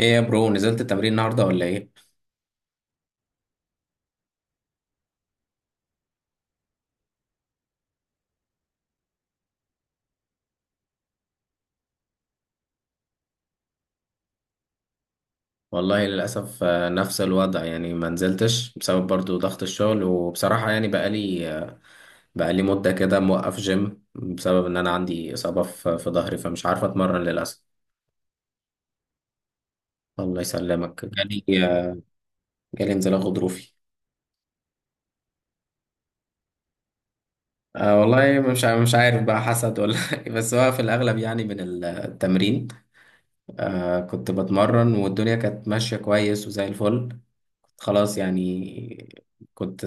ايه يا برو، نزلت التمرين النهارده ولا ايه؟ والله للاسف. نفس الوضع يعني، ما نزلتش بسبب برضو ضغط الشغل. وبصراحه يعني بقالي مده كده موقف جيم، بسبب ان انا عندي اصابه في ظهري، فمش عارف اتمرن للاسف. الله يسلمك، آه، جالي انزلاق غضروفي. أه، والله مش عارف بقى، حسد ولا بس هو في الاغلب يعني من التمرين. أه، كنت بتمرن والدنيا كانت ماشيه كويس وزي الفل. خلاص يعني، كنت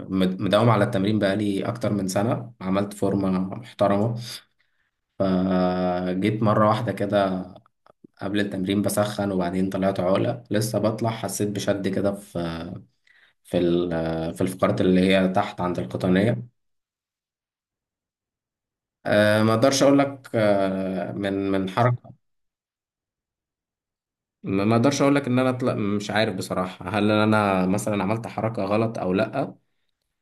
مداوم على التمرين بقالي أكتر من سنة، عملت فورمة محترمة. فجيت مرة واحدة كده قبل التمرين بسخن، وبعدين طلعت عقلة، لسه بطلع حسيت بشد كده في في الفقرات اللي هي تحت عند القطنية. ما اقدرش اقول لك، من حركة. ما اقدرش اقول لك ان انا طلع، مش عارف بصراحة هل انا مثلا عملت حركة غلط او لا.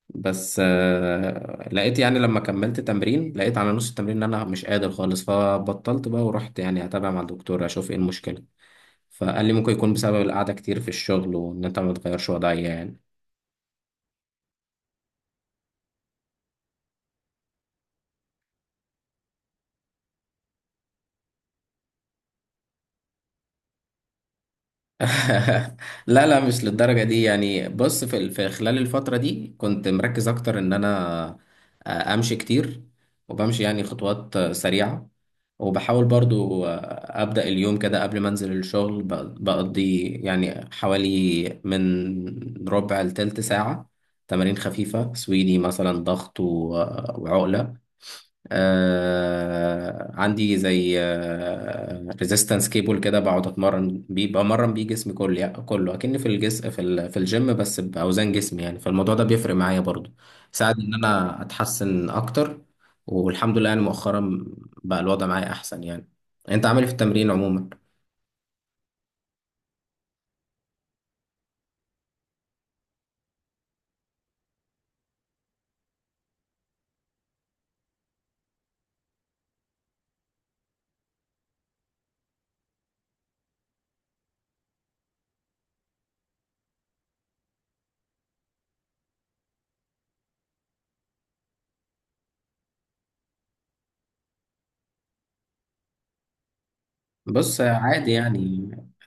بس لقيت يعني، لما كملت تمرين لقيت على نص التمرين ان انا مش قادر خالص، فبطلت بقى ورحت يعني اتابع مع الدكتور اشوف ايه المشكلة. فقال لي ممكن يكون بسبب القعدة كتير في الشغل، وان انت ما تغيرش وضعية يعني. لا، لا، مش للدرجة دي يعني. بص، في خلال الفترة دي كنت مركز أكتر إن أنا أمشي كتير، وبمشي يعني خطوات سريعة. وبحاول برضو أبدأ اليوم كده قبل ما أنزل الشغل، بقضي يعني حوالي من ربع لتلت ساعة تمارين خفيفة، سويدي مثلا، ضغط وعقلة. عندي زي ريزيستنس كيبل كده، بقعد اتمرن بيه، بمرن بيه جسمي كله يعني، كله اكني في الجس في ال... في الجيم، بس باوزان جسمي يعني. فالموضوع ده بيفرق معايا برضو، ساعد ان انا اتحسن اكتر. والحمد لله يعني مؤخرا بقى الوضع معايا احسن يعني. انت عامل إيه في التمرين عموما؟ بص، عادي يعني،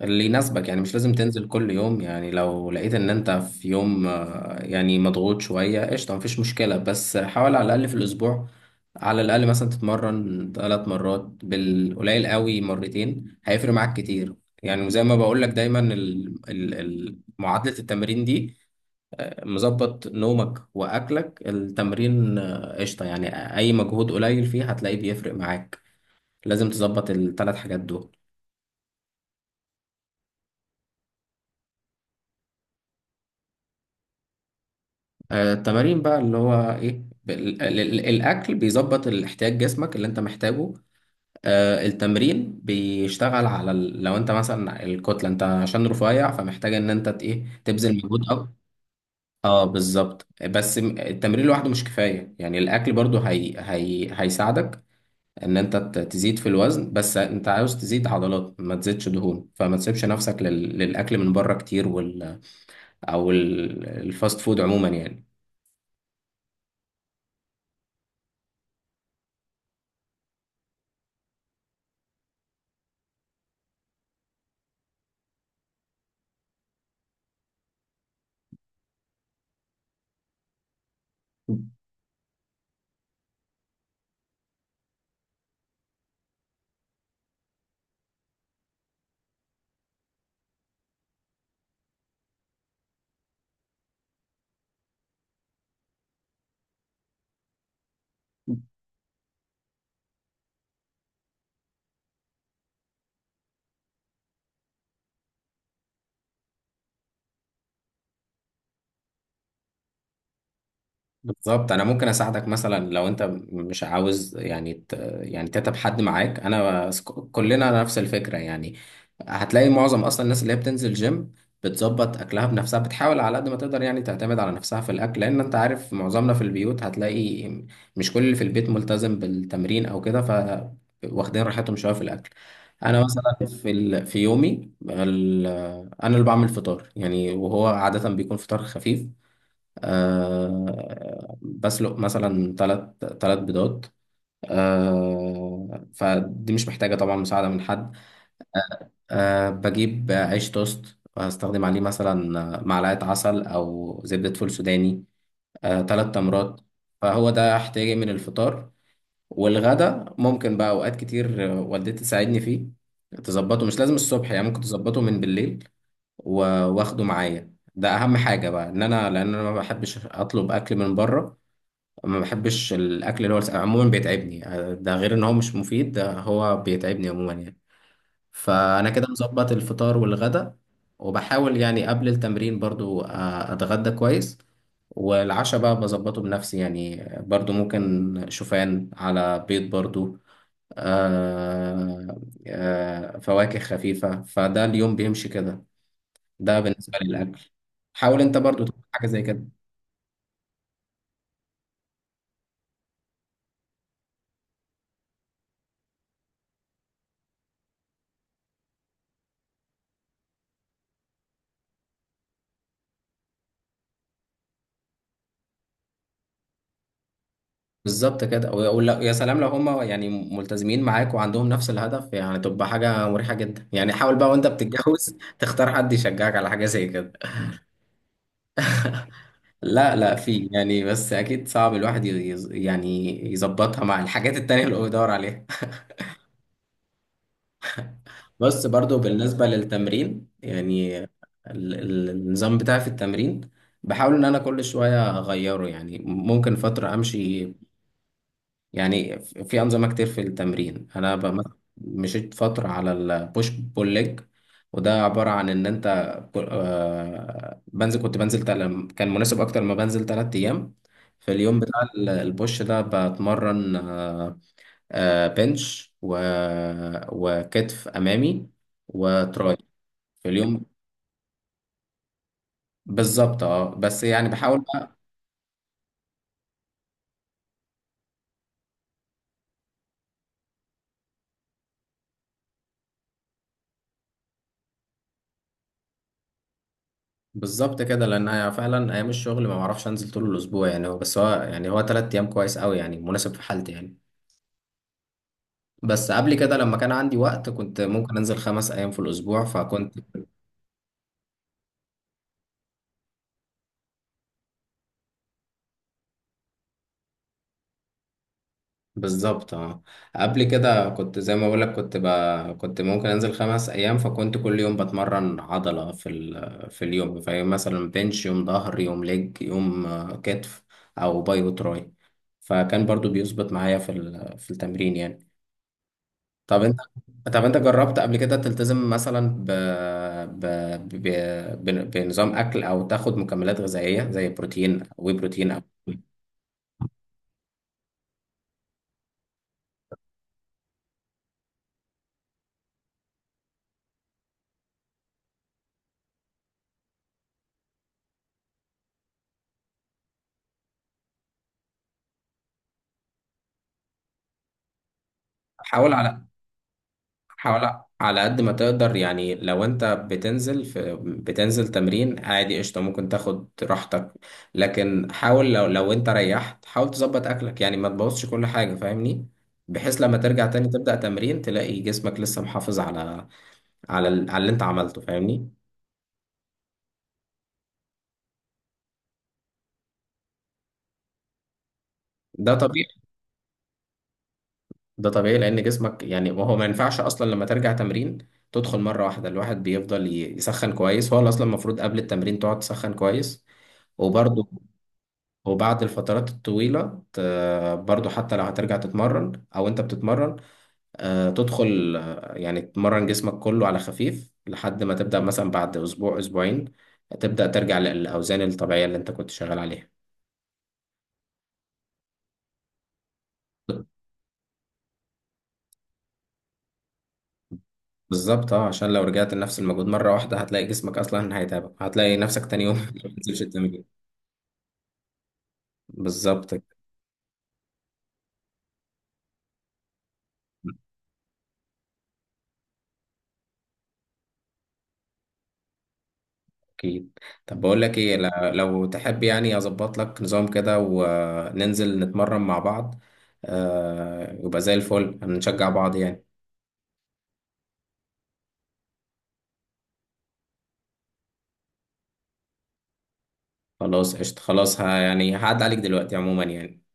اللي يناسبك يعني. مش لازم تنزل كل يوم يعني، لو لقيت ان انت في يوم يعني مضغوط شوية قشطة، مفيش مشكلة. بس حاول على الأقل في الأسبوع، على الأقل مثلا تتمرن ثلاث مرات، بالقليل قوي مرتين، هيفرق معاك كتير. يعني وزي ما بقول لك دايما، معادلة التمرين دي، مظبط نومك وأكلك التمرين، قشطة. يعني أي مجهود قليل فيه هتلاقيه بيفرق معاك. لازم تظبط الثلاث حاجات دول. التمارين بقى اللي هو ايه، الاكل بيظبط الاحتياج جسمك اللي انت محتاجه. التمرين بيشتغل على لو انت مثلا الكتله، انت عشان رفيع فمحتاج ان انت ت- ايه تبذل مجهود أو... اه، بالظبط. بس التمرين لوحده مش كفايه يعني، الاكل برضو هيساعدك ان انت تزيد في الوزن. بس انت عاوز تزيد عضلات ما تزيدش دهون، فما تسيبش نفسك للاكل من بره كتير او الفاست فود عموما يعني. بالظبط، انا ممكن اساعدك مثلا، لو انت مش عاوز يعني يعني تتعب حد معاك، انا كلنا نفس الفكره يعني. هتلاقي معظم اصلا الناس اللي هي بتنزل جيم بتظبط اكلها بنفسها، بتحاول على قد ما تقدر يعني تعتمد على نفسها في الاكل، لان انت عارف معظمنا في البيوت هتلاقي مش كل اللي في البيت ملتزم بالتمرين او كده، ف واخدين راحتهم شويه في الاكل. انا مثلا في يومي انا اللي بعمل فطار يعني، وهو عاده بيكون فطار خفيف. بسلق مثلا ثلاث بيضات. فدي مش محتاجة طبعا مساعدة من حد. بجيب عيش توست هستخدم عليه مثلا معلقة عسل أو زبدة فول سوداني، ثلاث تمرات. فهو ده احتياجي من الفطار. والغدا ممكن بقى أوقات كتير والدتي تساعدني فيه، تظبطه. مش لازم الصبح يعني، ممكن تظبطه من بالليل واخده معايا. ده اهم حاجه بقى ان انا لان انا ما بحبش اطلب اكل من بره. ما بحبش الاكل اللي هو عموما بيتعبني، ده غير ان هو مش مفيد، ده هو بيتعبني عموما يعني. فانا كده مظبط الفطار والغدا. وبحاول يعني قبل التمرين برضو اتغدى كويس. والعشاء بقى بظبطه بنفسي يعني، برضو ممكن شوفان على بيض برضو، آه فواكه خفيفة، فده اليوم بيمشي كده. ده بالنسبة للأكل، حاول انت برضو تعمل حاجة زي كده. بالظبط كده، ويا سلام لو هم يعني ملتزمين معاك وعندهم نفس الهدف، يعني تبقى حاجة مريحة جدا يعني. حاول بقى وانت بتتجوز تختار حد يشجعك على حاجة زي كده. لا، لا، في يعني، بس اكيد صعب الواحد يعني يظبطها مع الحاجات التانية اللي هو بيدور عليها. بس برضو بالنسبة للتمرين يعني، النظام بتاعي في التمرين بحاول ان انا كل شوية اغيره يعني، ممكن فترة امشي يعني، في أنظمة كتير في التمرين. أنا مثلاً مشيت فترة على البوش بول ليج. وده عبارة عن إن أنت كنت بنزل كان مناسب أكتر ما بنزل 3 أيام. في اليوم بتاع البوش ده بتمرن، بنش وكتف أمامي وتراي في اليوم. بالظبط اه، بس يعني بحاول. بالظبط كده، لان أنا فعلا ايام الشغل ما بعرفش انزل طول الاسبوع يعني. هو 3 ايام كويس قوي يعني، مناسب في حالتي يعني. بس قبل كده لما كان عندي وقت كنت ممكن انزل 5 ايام في الاسبوع، فكنت. بالظبط اه، قبل كده كنت زي ما بقولك، كنت ممكن انزل خمس ايام، فكنت كل يوم بتمرن عضلة في اليوم. فيوم مثلا بنش، يوم ظهر، يوم ليج، يوم كتف او باي وتراي. فكان برضو بيظبط معايا في التمرين يعني. طب انت، جربت قبل كده تلتزم مثلا ب... ب... بنظام اكل او تاخد مكملات غذائيه زي بروتين او... حاول على حاول على قد ما تقدر يعني. لو انت بتنزل تمرين عادي قشطه، ممكن تاخد راحتك. لكن حاول، لو انت ريحت، حاول تظبط اكلك يعني، ما تبوظش كل حاجه، فاهمني؟ بحيث لما ترجع تاني تبدأ تمرين تلاقي جسمك لسه محافظ على اللي انت عملته، فاهمني؟ ده طبيعي. ده طبيعي، لان جسمك يعني، ما هو ما ينفعش اصلا لما ترجع تمرين تدخل مره واحده. الواحد بيفضل يسخن كويس، هو اصلا المفروض قبل التمرين تقعد تسخن كويس. وبرده وبعد الفترات الطويله، برضه حتى لو هترجع تتمرن او انت بتتمرن، تدخل يعني تمرن جسمك كله على خفيف، لحد ما تبدا مثلا بعد اسبوع اسبوعين تبدا ترجع للاوزان الطبيعيه اللي انت كنت شغال عليها. بالظبط اه، عشان لو رجعت لنفس المجهود مره واحده هتلاقي جسمك اصلا هيتعبك، هتلاقي نفسك تاني يوم ما بتنزلش التمرين. بالظبط كده. اكيد. طب بقول لك ايه، لو تحب يعني اظبط لك نظام كده وننزل نتمرن مع بعض، يبقى زي الفل، هنشجع بعض يعني. خلاص قشطة، خلاص، يعني هعد عليك دلوقتي عموما يعني.